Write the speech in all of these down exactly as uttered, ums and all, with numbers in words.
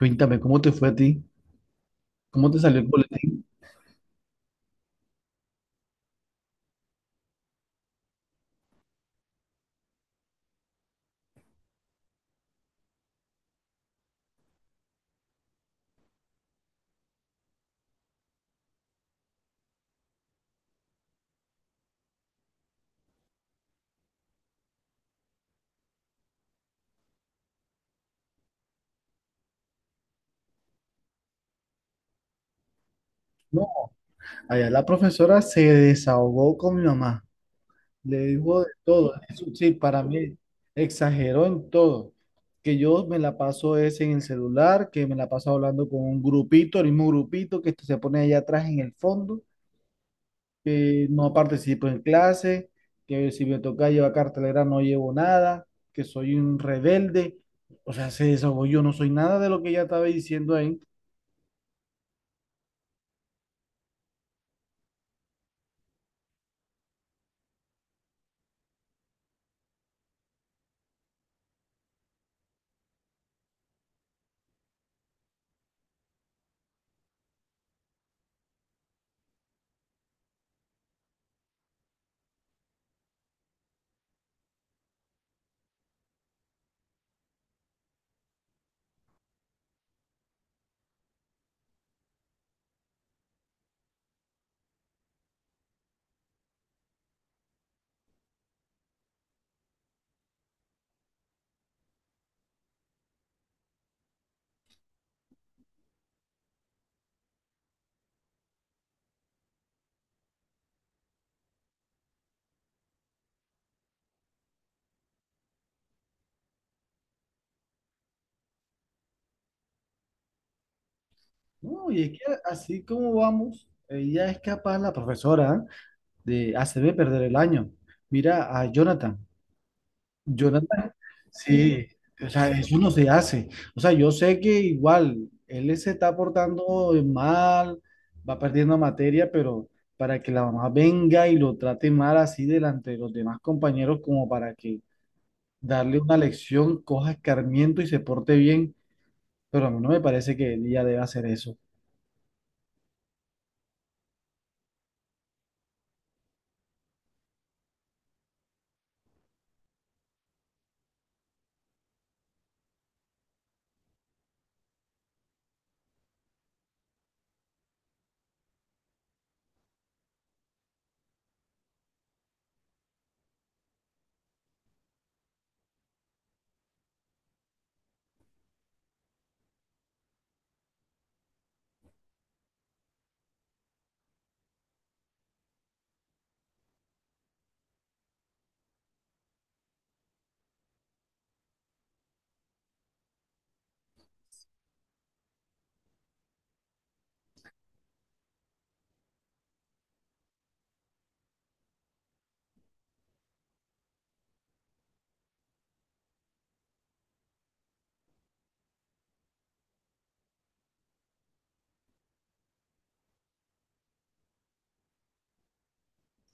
Cuéntame, ¿cómo te fue a ti? ¿Cómo te salió el boletín? No, allá la profesora se desahogó con mi mamá. Le dijo de todo. Eso sí, para mí exageró en todo. Que yo me la paso es en el celular, que me la paso hablando con un grupito, el mismo grupito que se pone allá atrás en el fondo, que no participo en clase, que si me toca llevar cartelera no llevo nada, que soy un rebelde. O sea, se desahogó. Yo no soy nada de lo que ella estaba diciendo ahí. No, y es que así como vamos, ella es capaz, la profesora, de hacerme perder el año. Mira a Jonathan. Jonathan, sí, o sea, eso no se hace. O sea, yo sé que igual él se está portando mal, va perdiendo materia, pero para que la mamá venga y lo trate mal así delante de los demás compañeros, como para que darle una lección, coja escarmiento y se porte bien, pero a mí no me parece que ella deba hacer eso.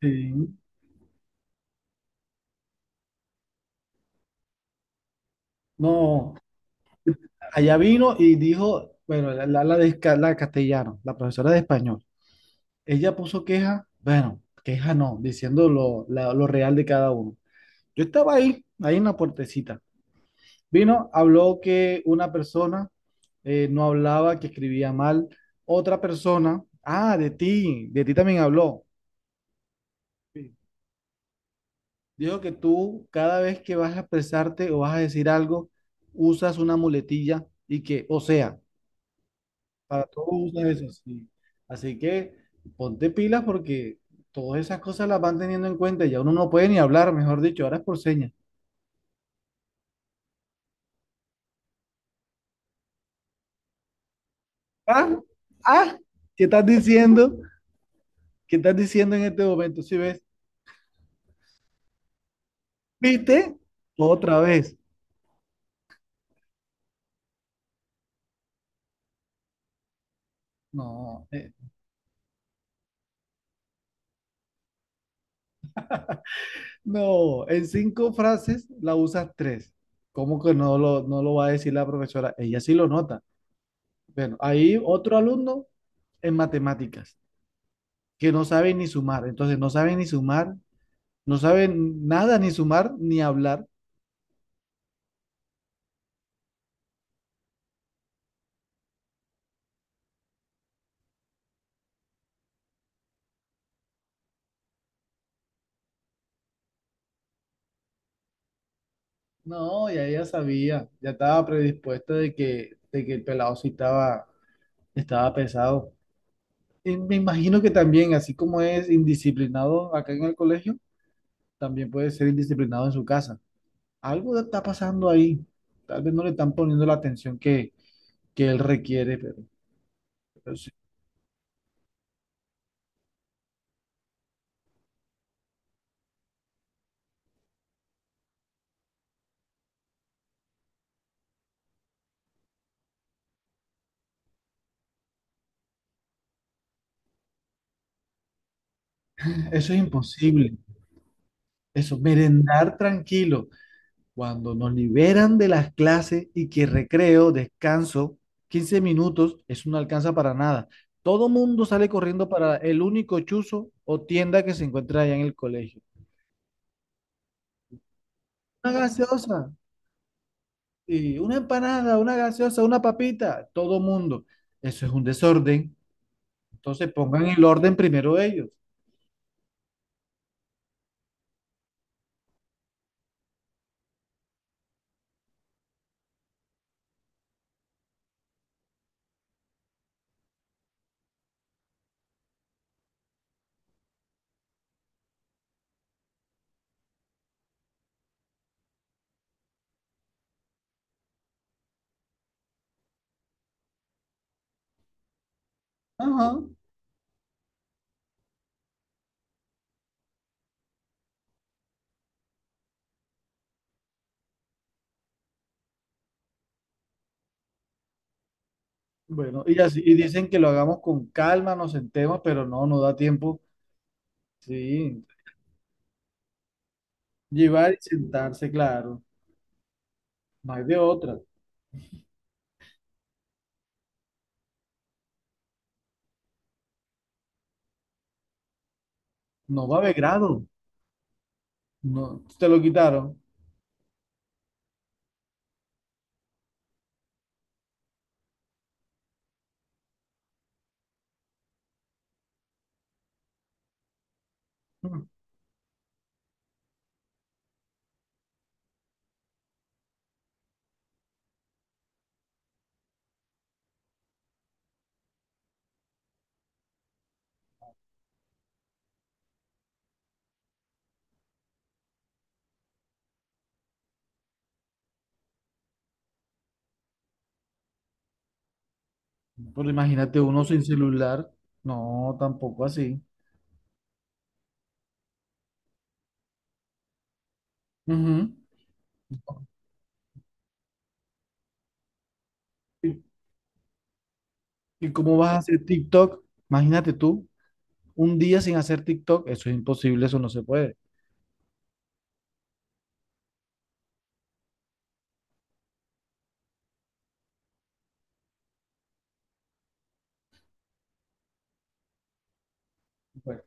Sí. No, allá vino y dijo, bueno, la, la, la de ca- la castellano, la profesora de español, ella puso queja, bueno, queja no, diciendo lo, la- lo real de cada uno. Yo estaba ahí, ahí en la puertecita. Vino, habló que una persona eh, no hablaba, que escribía mal. Otra persona, ah, de ti, de ti también habló. Sí. Dijo que tú cada vez que vas a expresarte o vas a decir algo, usas una muletilla y que, o sea, para todo usa eso, sí. Así que ponte pilas porque todas esas cosas las van teniendo en cuenta. Ya uno no puede ni hablar, mejor dicho, ahora es por señas. Ah, ah, ¿qué estás diciendo? ¿Qué estás diciendo en este momento? Si ves, ¿viste? Otra vez. No, eh, no, en cinco frases la usas tres. ¿Cómo que no lo, no lo va a decir la profesora? Ella sí lo nota. Bueno, hay otro alumno en matemáticas que no sabe ni sumar. Entonces, no sabe ni sumar. No sabe nada, ni sumar, ni hablar. No, ya ella sabía, ya estaba predispuesta de que, de que el pelado sí estaba, estaba pesado. Y me imagino que también, así como es indisciplinado acá en el colegio, también puede ser indisciplinado en su casa. Algo está pasando ahí. Tal vez no le están poniendo la atención que, que él requiere, pero, pero sí, eso es imposible. Eso, merendar tranquilo. Cuando nos liberan de las clases y que recreo, descanso, quince minutos, eso no alcanza para nada. Todo mundo sale corriendo para el único chuzo o tienda que se encuentra allá en el colegio. Una gaseosa, y una empanada, una gaseosa, una papita, todo mundo. Eso es un desorden. Entonces pongan el orden primero ellos. Ajá. Bueno, y así y dicen que lo hagamos con calma, nos sentemos, pero no, no da tiempo. Sí, llevar y sentarse, claro, no hay de otra. No va a haber grado. No, te lo quitaron. Mm. Pero imagínate uno sin celular. No, tampoco así. Ujú. ¿Y, y cómo vas a hacer TikTok? Imagínate tú, un día sin hacer TikTok. Eso es imposible, eso no se puede. Bueno,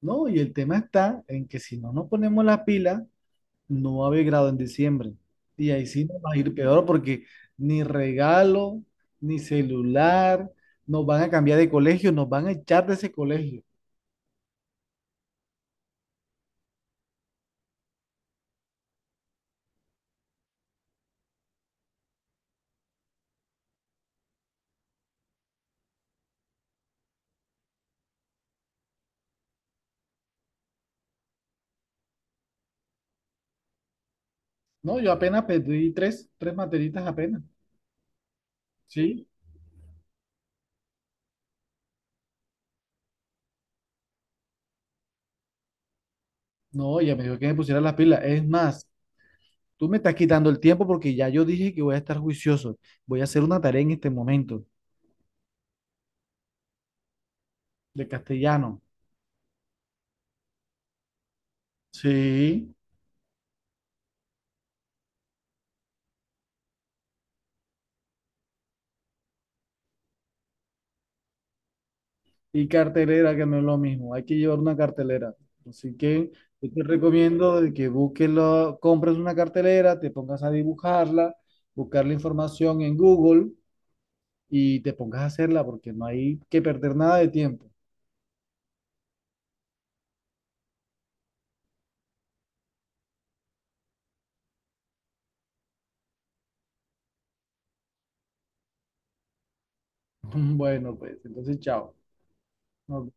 no, y el tema está en que si no nos ponemos las pilas no va a haber grado en diciembre. Y ahí sí nos va a ir peor porque ni regalo, ni celular, nos van a cambiar de colegio, nos van a echar de ese colegio. No, yo apenas pedí tres, tres materitas apenas. Sí. No, ella me dijo que me pusiera las pilas. Es más, tú me estás quitando el tiempo porque ya yo dije que voy a estar juicioso. Voy a hacer una tarea en este momento de castellano. Sí. Y cartelera, que no es lo mismo. Hay que llevar una cartelera. Así que yo te recomiendo de que busques, la- compres una cartelera, te pongas a dibujarla, buscar la información en Google y te pongas a hacerla porque no hay que perder nada de tiempo. Bueno, pues entonces, chao. No